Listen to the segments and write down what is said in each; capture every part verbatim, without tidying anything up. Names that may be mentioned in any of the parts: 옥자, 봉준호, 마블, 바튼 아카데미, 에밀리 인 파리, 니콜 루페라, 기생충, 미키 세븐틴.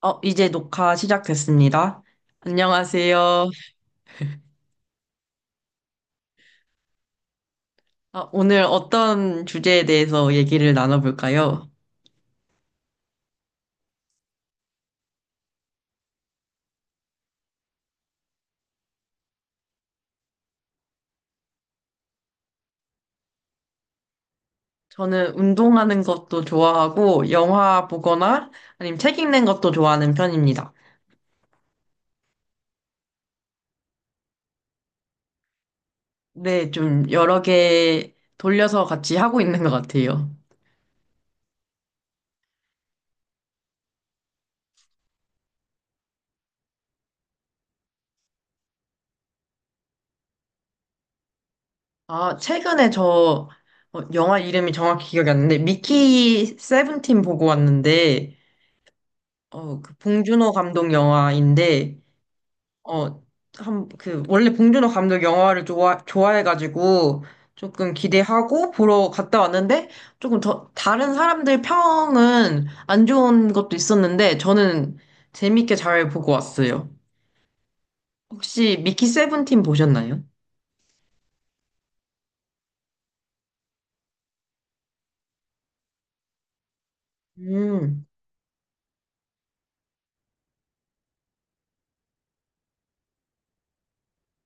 어, 이제 녹화 시작됐습니다. 안녕하세요. 아, 오늘 어떤 주제에 대해서 얘기를 나눠볼까요? 저는 운동하는 것도 좋아하고, 영화 보거나, 아니면 책 읽는 것도 좋아하는 편입니다. 네, 좀 여러 개 돌려서 같이 하고 있는 것 같아요. 아, 최근에 저, 어, 영화 이름이 정확히 기억이 안 나는데, 미키 세븐틴 보고 왔는데, 어, 그 봉준호 감독 영화인데, 어, 한, 그, 원래 봉준호 감독 영화를 좋아, 좋아해가지고 조금 기대하고 보러 갔다 왔는데 조금 더, 다른 사람들 평은 안 좋은 것도 있었는데 저는 재밌게 잘 보고 왔어요. 혹시 미키 세븐틴 보셨나요? 음,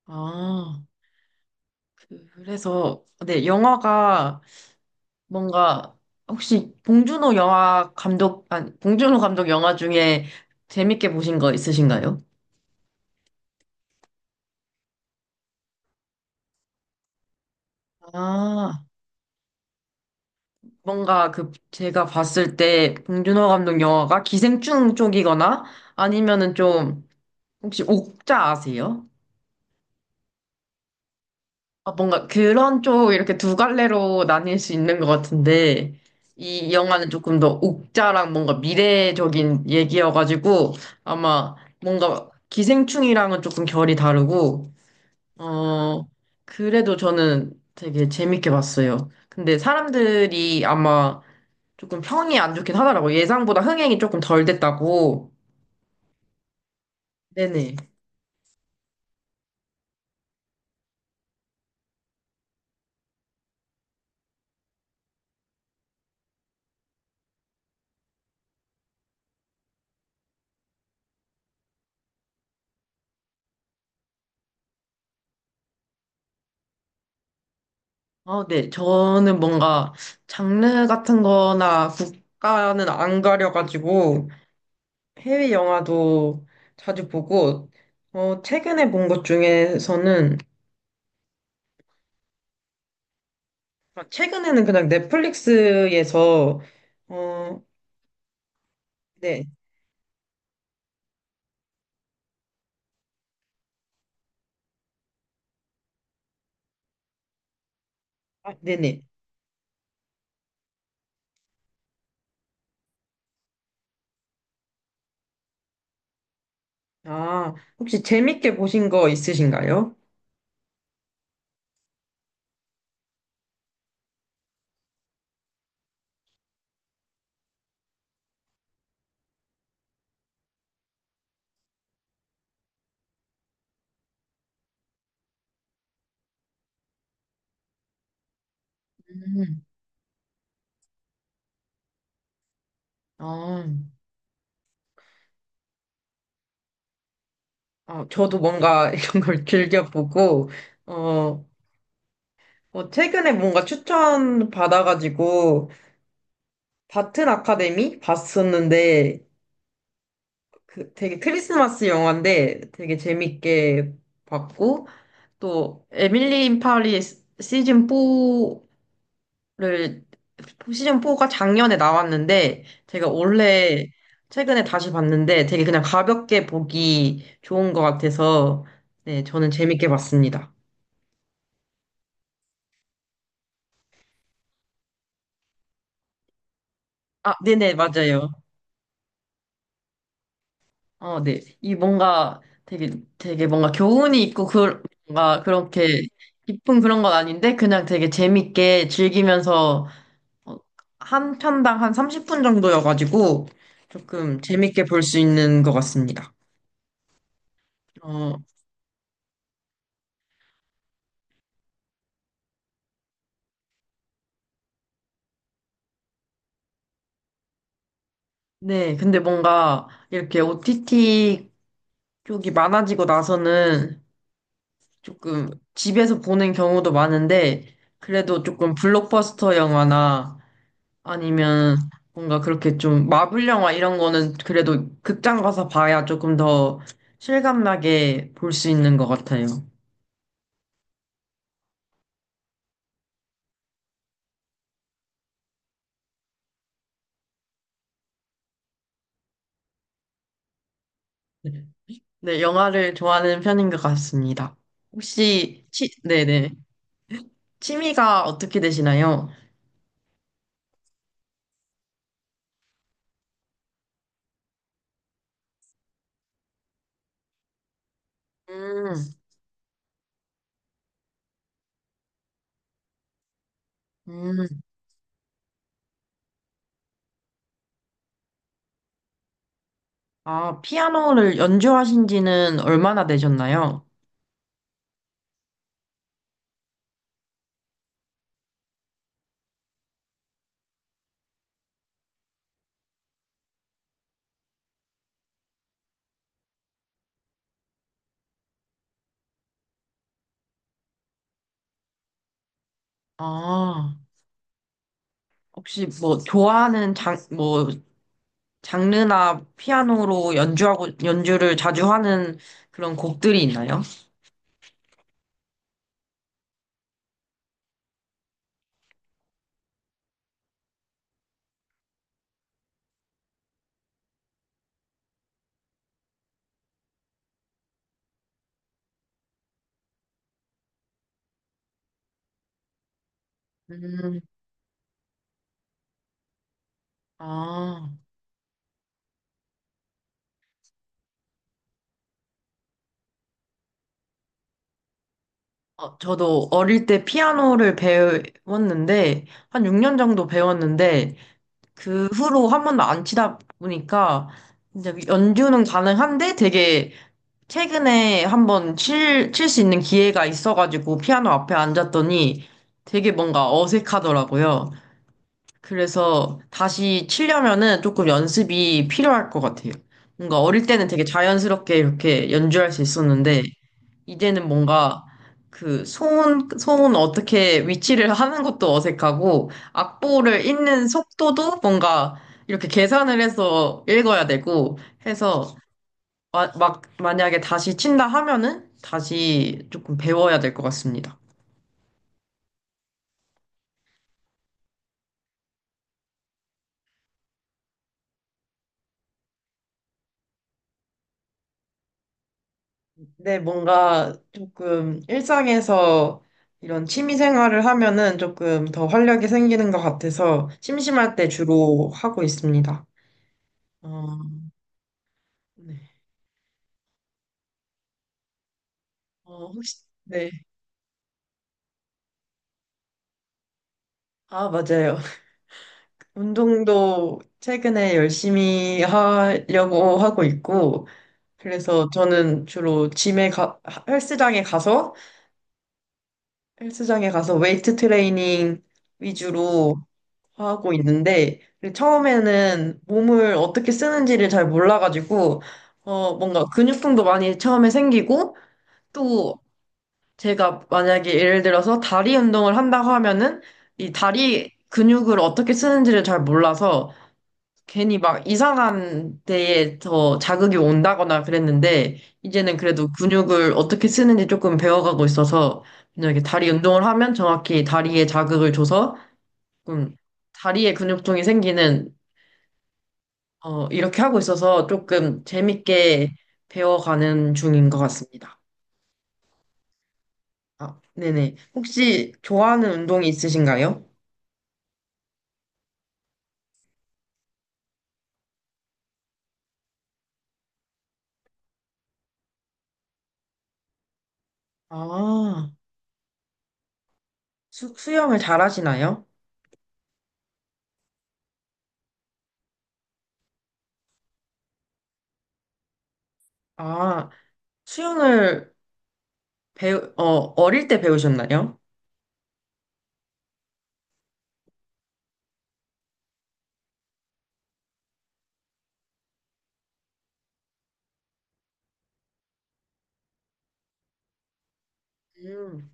아, 그- 그래서, 네, 영화가 뭔가 혹시 봉준호 영화 감독, 아니, 봉준호 감독 영화 중에 재밌게 보신 거 있으신가요? 아, 뭔가 그 제가 봤을 때 봉준호 감독 영화가 기생충 쪽이거나 아니면은 좀 혹시 옥자 아세요? 아, 뭔가 그런 쪽 이렇게 두 갈래로 나뉠 수 있는 것 같은데 이 영화는 조금 더 옥자랑 뭔가 미래적인 얘기여가지고 아마 뭔가 기생충이랑은 조금 결이 다르고 어 그래도 저는 되게 재밌게 봤어요. 근데 사람들이 아마 조금 평이 안 좋긴 하더라고. 예상보다 흥행이 조금 덜 됐다고. 네네. 아, 네. 저는 뭔가 장르 같은 거나 국가는 안 가려가지고 해외 영화도 자주 보고, 어, 최근에 본 것 중에서는, 아, 최근에는 그냥 넷플릭스에서, 어, 네. 아, 네네. 아, 혹시 재밌게 보신 거 있으신가요? 음. 아, 아, 저도 뭔가 이런 걸 즐겨보고, 어, 어, 최근에 뭔가 추천 받아가지고 바튼 아카데미 봤었는데 그 되게 크리스마스 영화인데 되게 재밌게 봤고 또 에밀리 인 파리 시즌 사를 시즌 사가 작년에 나왔는데 제가 원래 최근에 다시 봤는데 되게 그냥 가볍게 보기 좋은 것 같아서 네 저는 재밌게 봤습니다. 아 네네 맞아요. 어, 네. 이 뭔가 되게, 되게 뭔가 교훈이 있고, 그, 뭔가 그렇게 깊은 그런 건 아닌데, 그냥 되게 재밌게 즐기면서, 어, 한 편당 한 삼십 분 정도여가지고, 조금 재밌게 볼 수 있는 것 같습니다. 어, 네. 근데 뭔가 이렇게 오티티 쪽이 많아지고 나서는 조금 집에서 보는 경우도 많은데, 그래도 조금 블록버스터 영화나 아니면 뭔가 그렇게 좀 마블 영화 이런 거는 그래도 극장 가서 봐야 조금 더 실감나게 볼 수 있는 것 같아요. 네, 영화를 좋아하는 편인 것 같습니다. 혹시 치, 네네. 취미가 어떻게 되시나요? 음. 음. 아, 피아노를 연주하신 지는 얼마나 되셨나요? 아, 혹시 뭐 좋아하는 장, 뭐 장르나 피아노로 연주하고 연주를 자주 하는 그런 곡들이 있나요? 음, 아, 어, 저도 어릴 때 피아노를 배웠는데, 한 육 년 정도 배웠는데, 그 후로 한 번도 안 치다 보니까, 이제 연주는 가능한데 되게 최근에 한번 칠, 칠 수 있는 기회가 있어가지고 피아노 앞에 앉았더니 되게 뭔가 어색하더라고요. 그래서 다시 치려면은 조금 연습이 필요할 것 같아요. 뭔가 어릴 때는 되게 자연스럽게 이렇게 연주할 수 있었는데, 이제는 뭔가 그 손, 손 어떻게 위치를 하는 것도 어색하고, 악보를 읽는 속도도 뭔가 이렇게 계산을 해서 읽어야 되고, 해서 마- 막 만약에 다시 친다 하면은 다시 조금 배워야 될 것 같습니다. 네, 뭔가 조금 일상에서 이런 취미 생활을 하면은 조금 더 활력이 생기는 것 같아서 심심할 때 주로 하고 있습니다. 어, 네. 어, 혹시, 네. 아, 맞아요. 운동도 최근에 열심히 하려고 하고 있고, 그래서 저는 주로 짐에 가, 헬스장에 가서 헬스장에 가서 웨이트 트레이닝 위주로 하고 있는데 처음에는 몸을 어떻게 쓰는지를 잘 몰라가지고 어 뭔가 근육통도 많이 처음에 생기고 또 제가 만약에 예를 들어서 다리 운동을 한다고 하면은 이 다리 근육을 어떻게 쓰는지를 잘 몰라서 괜히 막 이상한 데에 더 자극이 온다거나 그랬는데, 이제는 그래도 근육을 어떻게 쓰는지 조금 배워가고 있어서, 그냥 이렇게 다리 운동을 하면 정확히 다리에 자극을 줘서, 조금 다리에 근육통이 생기는, 어, 이렇게 하고 있어서 조금 재밌게 배워가는 중인 것 같습니다. 아, 네네. 혹시 좋아하는 운동이 있으신가요? 아, 수, 수영을 잘하시나요? 아, 수영을 배우, 어, 어릴 때 배우셨나요? 음.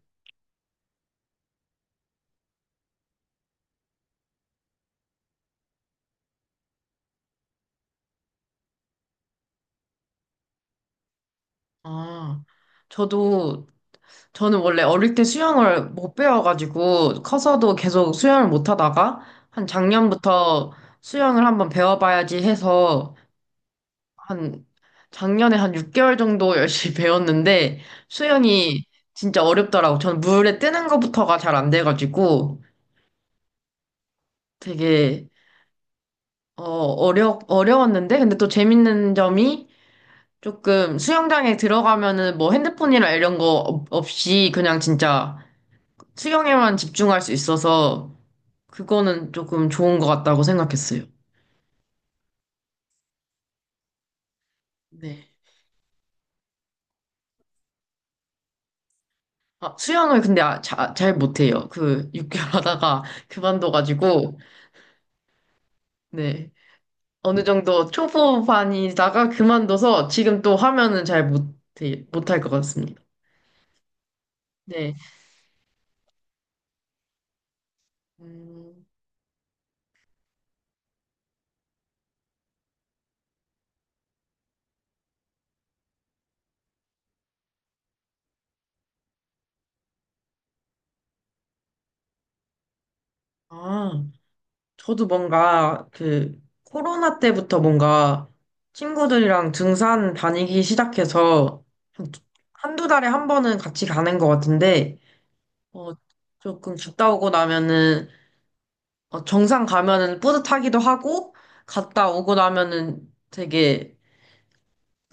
아, 저도, 저는 원래 어릴 때 수영을 못 배워가지고, 커서도 계속 수영을 못 하다가, 한 작년부터 수영을 한번 배워봐야지 해서, 한, 작년에 한 육 개월 정도 열심히 배웠는데, 수영이 진짜 어렵더라고. 저는 물에 뜨는 것부터가 잘 안 돼가지고, 되게, 어, 어려, 어려웠는데, 근데 또 재밌는 점이, 조금 수영장에 들어가면은 뭐 핸드폰이나 이런 거 없- 없이 그냥 진짜 수영에만 집중할 수 있어서 그거는 조금 좋은 것 같다고 생각했어요. 네. 아, 수영을 근데 아, 자- 잘 못해요. 그 육 개월 하다가 그만둬가지고 네. 어느 정도 초보반이다가 그만둬서 지금 또 하면은 잘 못해, 못할 것 같습니다. 네. 음, 아, 저도 뭔가 그 코로나 때부터 뭔가 친구들이랑 등산 다니기 시작해서 한- 한두 달에 한 번은 같이 가는 것 같은데 어, 조금 갔다 오고 나면은, 어, 정상 가면은 뿌듯하기도 하고, 갔다 오고 나면은 되게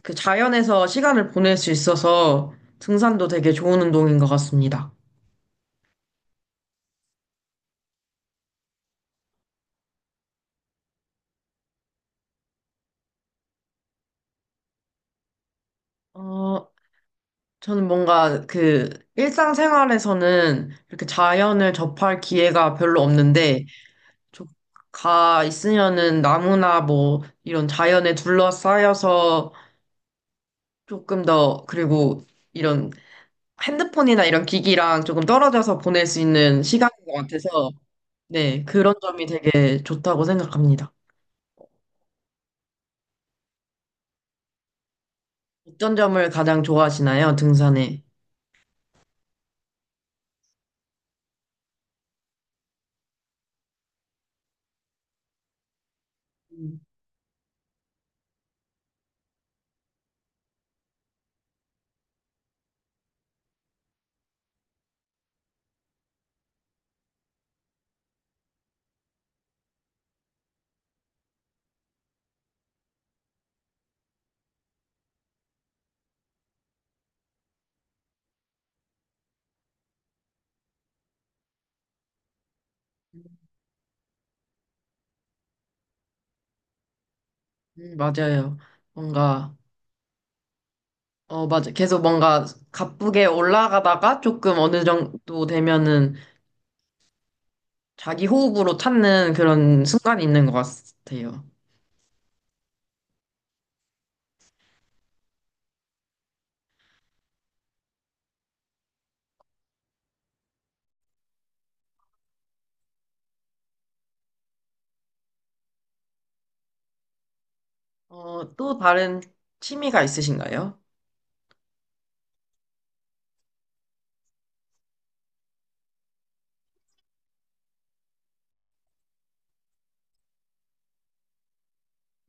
그 자연에서 시간을 보낼 수 있어서 등산도 되게 좋은 운동인 것 같습니다. 어, 저는 뭔가 그 일상생활에서는 이렇게 자연을 접할 기회가 별로 없는데, 좀 가 있으면은 나무나 뭐 이런 자연에 둘러싸여서 조금 더, 그리고 이런 핸드폰이나 이런 기기랑 조금 떨어져서 보낼 수 있는 시간인 것 같아서, 네, 그런 점이 되게 좋다고 생각합니다. 어떤 점을 가장 좋아하시나요, 등산에? 음, 음, 맞아요. 뭔가, 어, 맞아. 계속 뭔가 가쁘게 올라가다가 조금 어느 정도 되면은 자기 호흡으로 찾는 그런 순간이 있는 것 같아요. 어, 또 다른 취미가 있으신가요?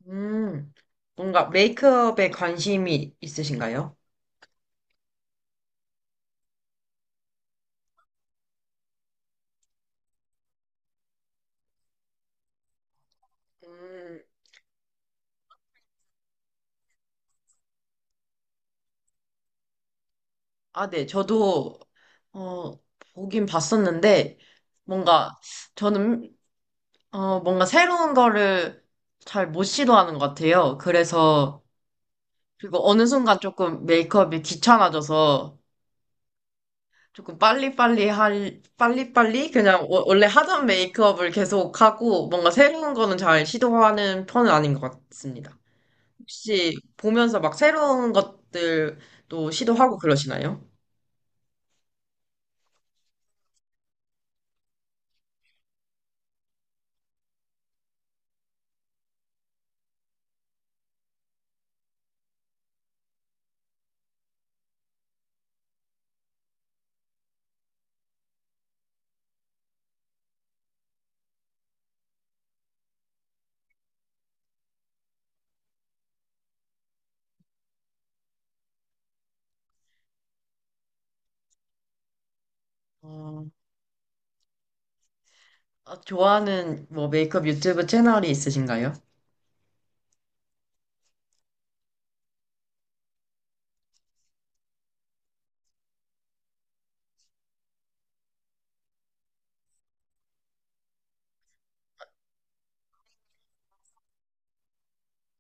음, 뭔가 메이크업에 관심이 있으신가요? 음, 아, 네. 저도, 어, 보긴 봤었는데, 뭔가, 저는, 어, 뭔가 새로운 거를 잘 못 시도하는 것 같아요. 그래서, 그리고 어느 순간 조금 메이크업이 귀찮아져서, 조금 빨리빨리 할, 빨리빨리? 그냥 워- 원래 하던 메이크업을 계속 하고, 뭔가 새로운 거는 잘 시도하는 편은 아닌 것 같습니다. 혹시 보면서 막 새로운 것들도 시도하고 그러시나요? 아, 좋아하는 뭐 메이크업 유튜브 채널이 있으신가요?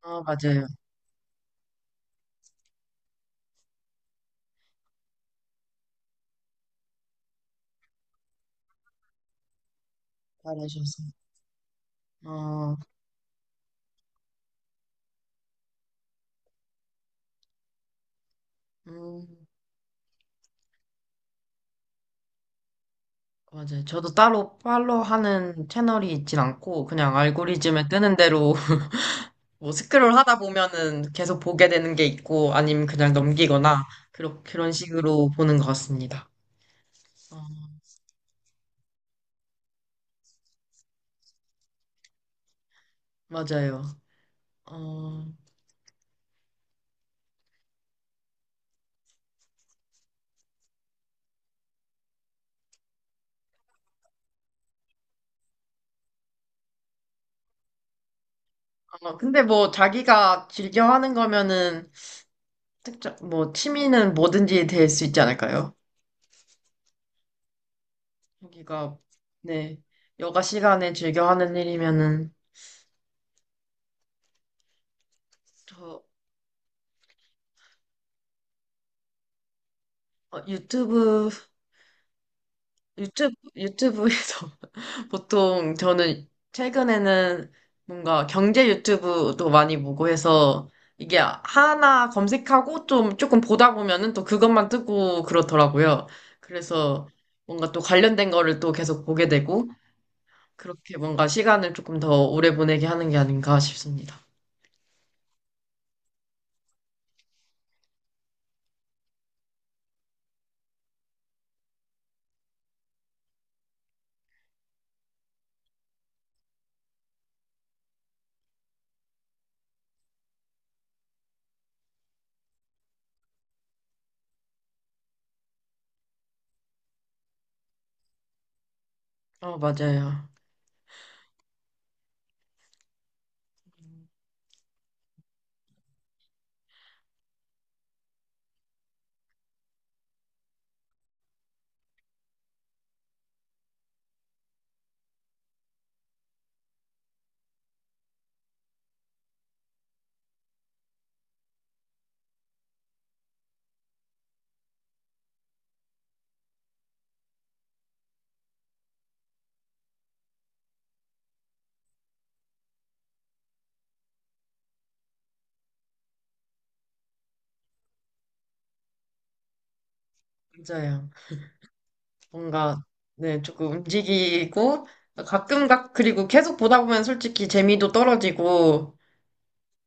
아, 맞아요. 잘하셔서. 어, 음, 맞아요. 저도 따로 팔로우 하는 채널이 있진 않고, 그냥 알고리즘에 뜨는 대로 뭐 스크롤 하다 보면은 계속 보게 되는 게 있고, 아니면 그냥 넘기거나, 그런, 그런 식으로 보는 것 같습니다. 어, 맞아요. 어, 어, 근데 뭐 자기가 즐겨 하는 거면은, 특정, 뭐 취미는 뭐든지 될 수 있지 않을까요? 여기가 네 여가 시간에 즐겨 하는 일이면은 저 어, 유튜브 유튜브 유튜브에서 보통 저는 최근에는 뭔가 경제 유튜브도 많이 보고 해서 이게 하나 검색하고 좀 조금 보다 보면은 또 그것만 뜨고 그렇더라고요. 그래서 뭔가 또 관련된 거를 또 계속 보게 되고 그렇게 뭔가 시간을 조금 더 오래 보내게 하는 게 아닌가 싶습니다. 어, 맞아요. 맞아요. 뭔가, 네, 조금 움직이고, 가끔 각, 그리고 계속 보다 보면 솔직히 재미도 떨어지고,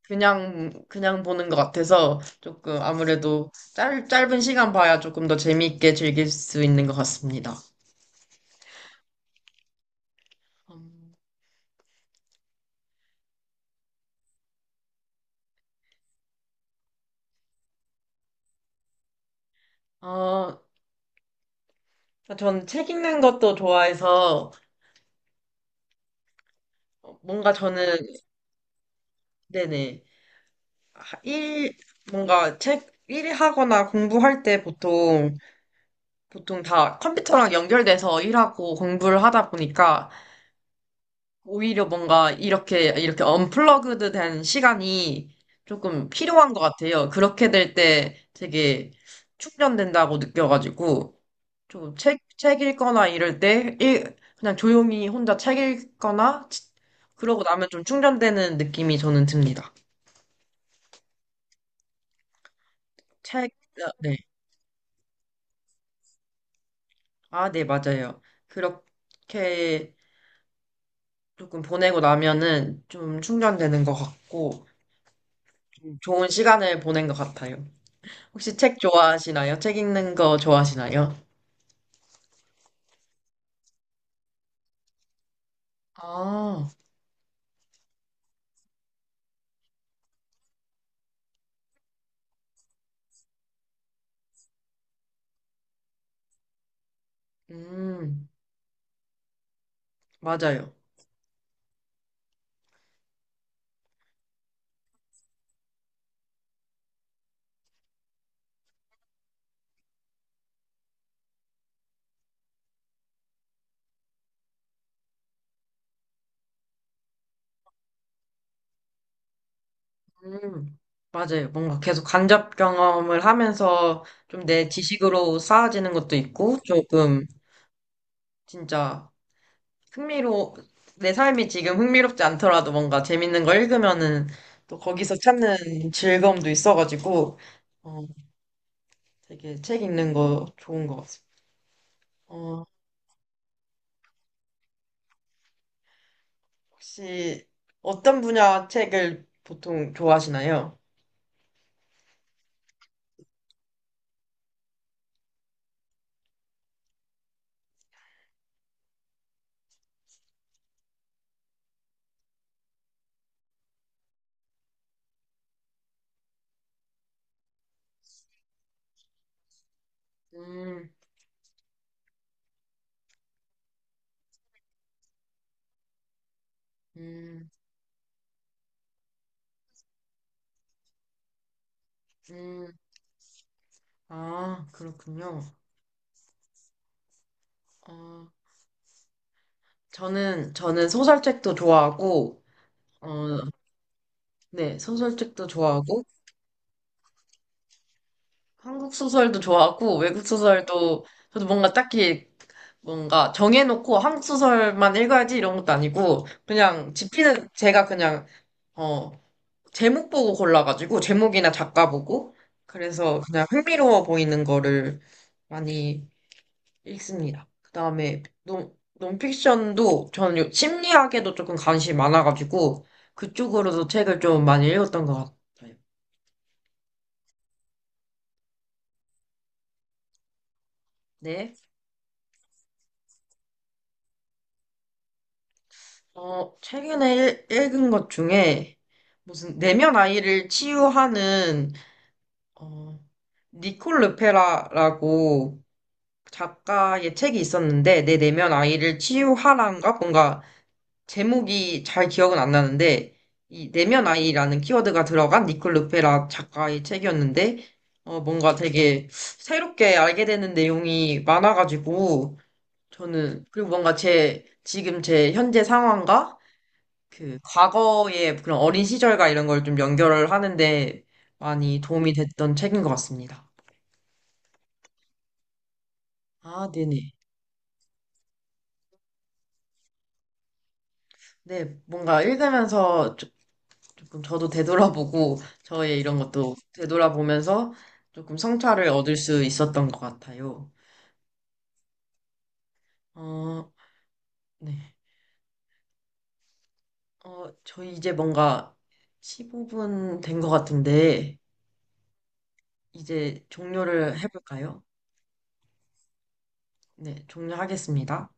그냥, 그냥 보는 것 같아서, 조금 아무래도 짧, 짧은 시간 봐야 조금 더 재미있게 즐길 수 있는 것 같습니다. 음, 어, 전 책 읽는 것도 좋아해서, 뭔가 저는, 네네, 하- 일, 뭔가 책, 일하거나 공부할 때 보통, 보통 다 컴퓨터랑 연결돼서 일하고 공부를 하다 보니까, 오히려 뭔가 이렇게, 이렇게 언플러그드 된 시간이 조금 필요한 것 같아요. 그렇게 될 때 되게 충전된다고 느껴가지고, 좀 책, 책 읽거나 이럴 때, 일, 그냥 조용히 혼자 책 읽거나, 치- 그러고 나면 좀 충전되는 느낌이 저는 듭니다. 책, 아, 네. 아, 네, 맞아요. 그렇게 조금 보내고 나면은 좀 충전되는 것 같고, 좀 좋은 시간을 보낸 것 같아요. 혹시 책 좋아하시나요? 책 읽는 거 좋아하시나요? 아, 음, 맞아요. 음, 맞아요. 뭔가 계속 간접 경험을 하면서 좀 내 지식으로 쌓아지는 것도 있고, 조금 진짜 흥미로, 내 삶이 지금 흥미롭지 않더라도 뭔가 재밌는 거 읽으면은 또 거기서 찾는 즐거움도 있어가지고, 어, 되게 책 읽는 거 좋은 것 같습니다. 어, 혹시 어떤 분야 책을 보통 좋아하시나요? 음, 음, 음. 아, 그렇군요. 어, 저는, 저는 소설책도 좋아하고, 어, 네, 소설책도 좋아하고, 한국 소설도 좋아하고, 외국 소설도, 저도 뭔가 딱히 뭔가 정해놓고 한국 소설만 읽어야지 이런 것도 아니고, 그냥 집히는 제가 그냥, 어, 제목 보고 골라가지고, 제목이나 작가 보고, 그래서 그냥 흥미로워 보이는 거를 많이 읽습니다. 그다음에 논, 논픽션도 저는 요- 심리학에도 조금 관심이 많아가지고 그쪽으로도 책을 좀 많이 읽었던 것 같아요. 네. 어, 최근에 읽, 읽은 것 중에 무슨 내면 아이를 치유하는 어, 니콜 르페라라고 작가의 책이 있었는데 내 내면 아이를 치유하란가 뭔가 제목이 잘 기억은 안 나는데 이 내면 아이라는 키워드가 들어간 니콜 루페라 작가의 책이었는데 어 뭔가 되게 새롭게 알게 되는 내용이 많아가지고 저는 그리고 뭔가 제 지금 제 현재 상황과 그 과거의 그런 어린 시절과 이런 걸 좀 연결을 하는데 많이 도움이 됐던 책인 것 같습니다. 아, 네네. 네, 뭔가 읽으면서 조금 저도 되돌아보고 저의 이런 것도 되돌아보면서 조금 성찰을 얻을 수 있었던 것 같아요. 어, 네. 어, 저희 이제 뭔가 십오 분 된 것 같은데 이제 종료를 해볼까요? 네, 종료하겠습니다.